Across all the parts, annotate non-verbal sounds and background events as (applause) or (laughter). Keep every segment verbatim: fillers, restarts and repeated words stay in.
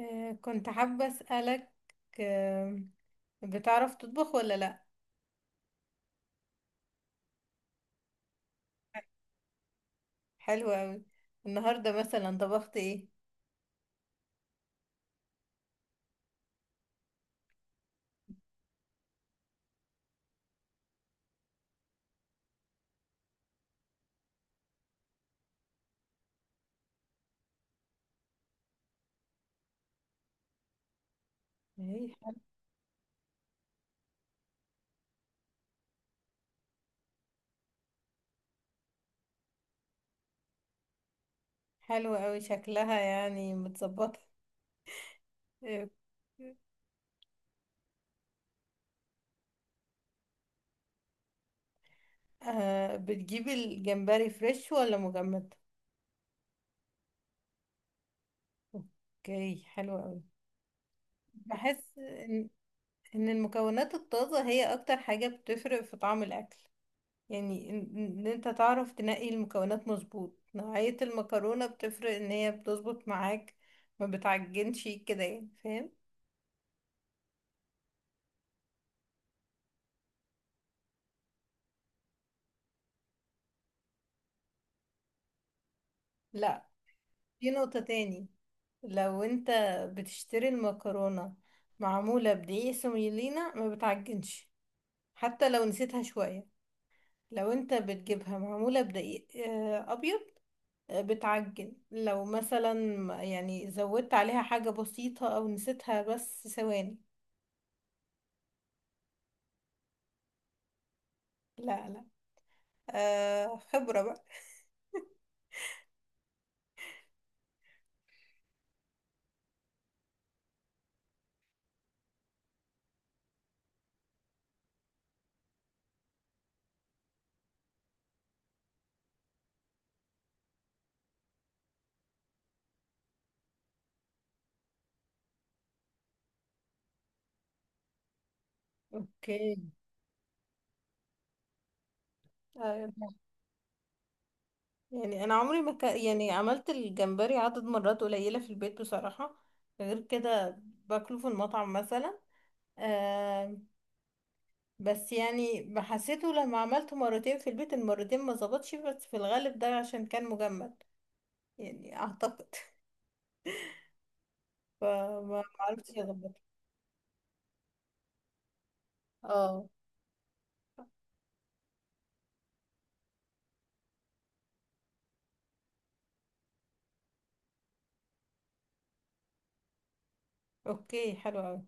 آه، كنت حابة أسألك. آه، بتعرف تطبخ ولا لأ؟ حلو أوي. النهاردة مثلا طبخت ايه؟ ايه، حلو أوي شكلها، يعني متظبطة. آه، آه، بتجيب الجمبري فريش ولا مجمد؟ اوكي، حلو قوي. بحس إن إن المكونات الطازة هي أكتر حاجة بتفرق في طعم الأكل. يعني ان إن انت تعرف تنقي المكونات مظبوط، نوعية المكرونة بتفرق، ان هي بتظبط معاك، ما بتعجنش كده، يعني فاهم؟ لا، في نقطة تاني. لو انت بتشتري المكرونة معمولة بدقيق سوميلينا ما بتعجنش حتى لو نسيتها شوية. لو انت بتجيبها معمولة بدقيق آه، ابيض، آه، بتعجن لو مثلا يعني زودت عليها حاجة بسيطة او نسيتها بس ثواني. لا لا، آه، خبرة بقى. اوكي. آه، يعني انا عمري ما ك... يعني عملت الجمبري عدد مرات قليله في البيت بصراحه. غير كده باكله في المطعم مثلا. آه. بس يعني حسيته لما عملته مرتين في البيت المرتين ما ظبطش، بس في الغالب ده عشان كان مجمد يعني اعتقد (laughs) فما عرفتش اظبطه. اه. اوكي، حلو قوي.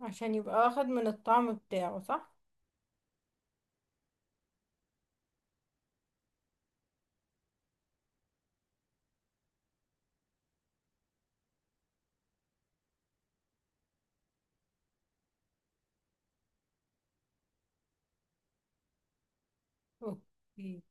عشان يبقى واخد من الطعم بتاعه صح. اوكي.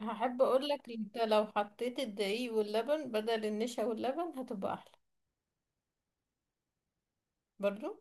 هحب اقول لك، انت لو حطيت الدقيق واللبن بدل النشا واللبن هتبقى احلى. برضو.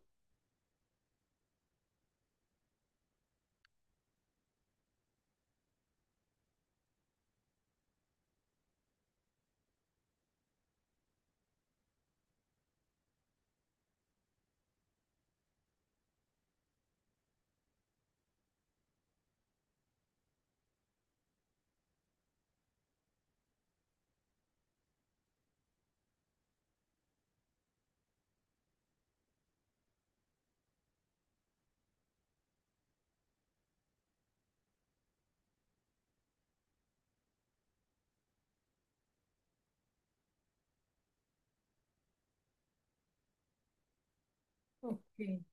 اوكي.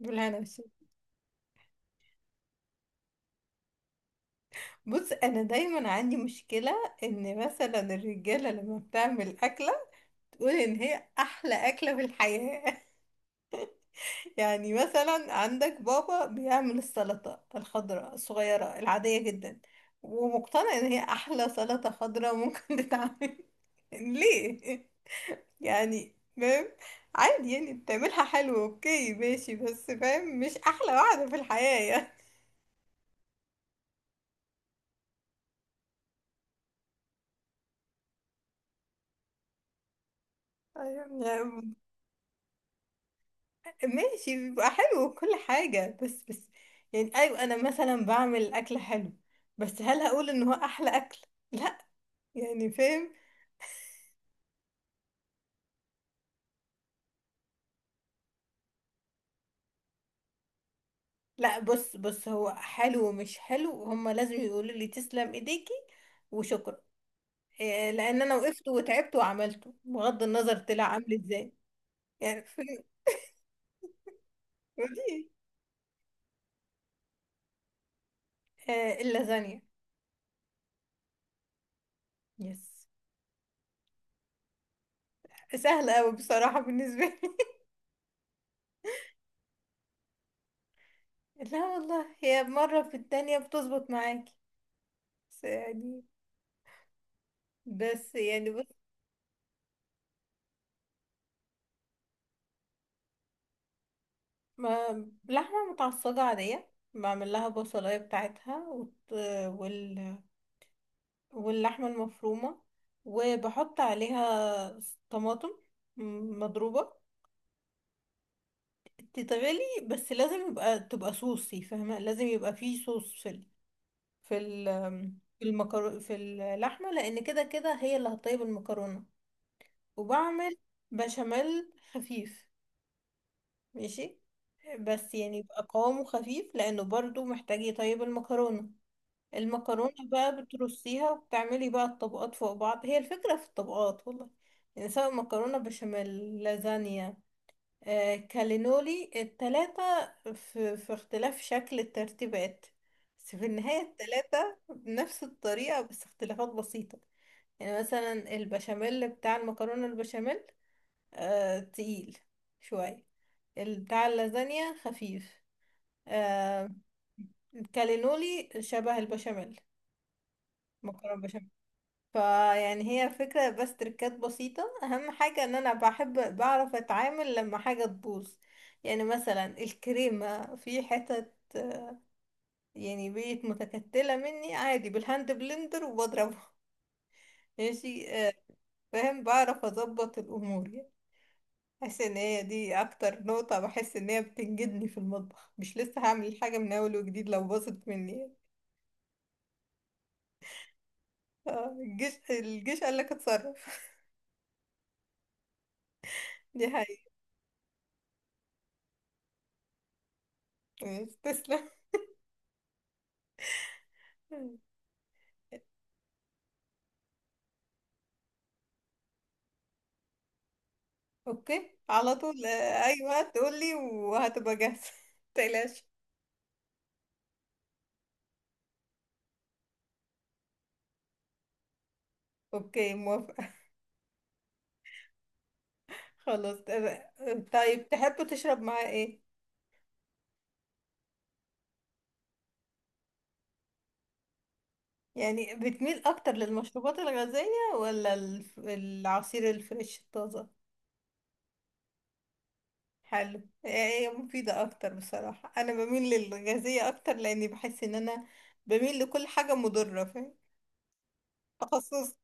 بالهنا والشفا. بص انا دايما عندي مشكله ان مثلا الرجاله لما بتعمل اكله تقول ان هي احلى اكله في الحياه. (laughs) يعني مثلا عندك بابا بيعمل السلطه الخضراء الصغيره العاديه جدا ومقتنع ان هي احلى سلطه خضراء ممكن (laughs) تتعمل. ليه يعني؟ فاهم؟ عادي يعني بتعملها حلو، اوكي ماشي، بس فاهم مش احلى واحدة في الحياة يعني. أيوة، يعني ماشي، بيبقى حلو وكل حاجة، بس بس يعني ايوه انا مثلا بعمل اكل حلو، بس هل هقول ان هو احلى اكل؟ لا. يعني فاهم؟ لا بص، بص هو حلو ومش حلو، هما لازم يقولوا لي تسلم ايديكي وشكرا. إيه، لان انا وقفت وتعبت وعملته بغض النظر طلع عامل ازاي. يعني فاهم؟ ودي آه، اللازانيا. يس. سهلة أوي بصراحة بالنسبة لي. (laughs) لا والله، هي مرة في التانية بتظبط معاكي. بس يعني، بس يعني بص. ما لحمة متعصجة عادية، بعمل لها بصلاية بتاعتها وت... وال... واللحمة المفرومة، وبحط عليها طماطم مضروبة تتغلي. بس لازم يبقى تبقى صوصي، فاهمة؟ لازم يبقى فيه صوص في ال... في ال... في المكرو... في اللحمة، لأن كده كده هي اللي هتطيب المكرونة. وبعمل بشاميل خفيف، ماشي، بس يعني يبقى قوامه خفيف لانه برضو محتاج يطيب المكرونة. المكرونة بقى بترصيها وبتعملي بقى الطبقات فوق بعض، هي الفكرة في الطبقات والله. يعني سواء مكرونة بشاميل، لازانيا، آه، كالينولي، التلاتة في, في اختلاف شكل الترتيبات، بس في النهاية التلاتة بنفس الطريقة بس اختلافات بسيطة. يعني مثلا البشاميل بتاع المكرونة البشاميل آه تقيل شوية، بتاع اللازانيا خفيف آه، الكالينولي شبه البشاميل مكرونة بشاميل. فيعني هي الفكرة، بس تركات بسيطة. أهم حاجة إن أنا بحب بعرف أتعامل لما حاجة تبوظ. يعني مثلا الكريمة في حتت آه، يعني بقت متكتلة مني، عادي بالهاند بلندر وبضربها (laughs) ماشي. آه، فاهم؟ بعرف أظبط الأمور. بحس ان هي دي اكتر نقطة بحس ان هي بتنجدني في المطبخ، مش لسه هعمل الحاجة من اول وجديد لو باظت مني. آه، الجيش، الجيش قال لك اتصرف. دي حقيقة. مش تسلم. اوكي على طول، آه، اي وقت تقولي وهتبقى جاهزة (laughs) متقلقش. اوكي، موافقة. (laughs) خلاص آه، طيب، تحب تشرب معاه ايه؟ يعني بتميل اكتر للمشروبات الغازية ولا الف- العصير الفريش الطازة؟ حلو، هي مفيدة أكتر. بصراحة أنا بميل للغازية أكتر، لأني بحس إن أنا بميل لكل حاجة مضرة، فاهم؟ تخصص.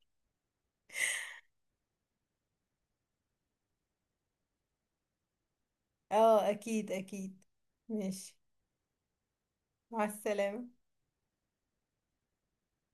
اه، أكيد أكيد. ماشي، مع السلامة.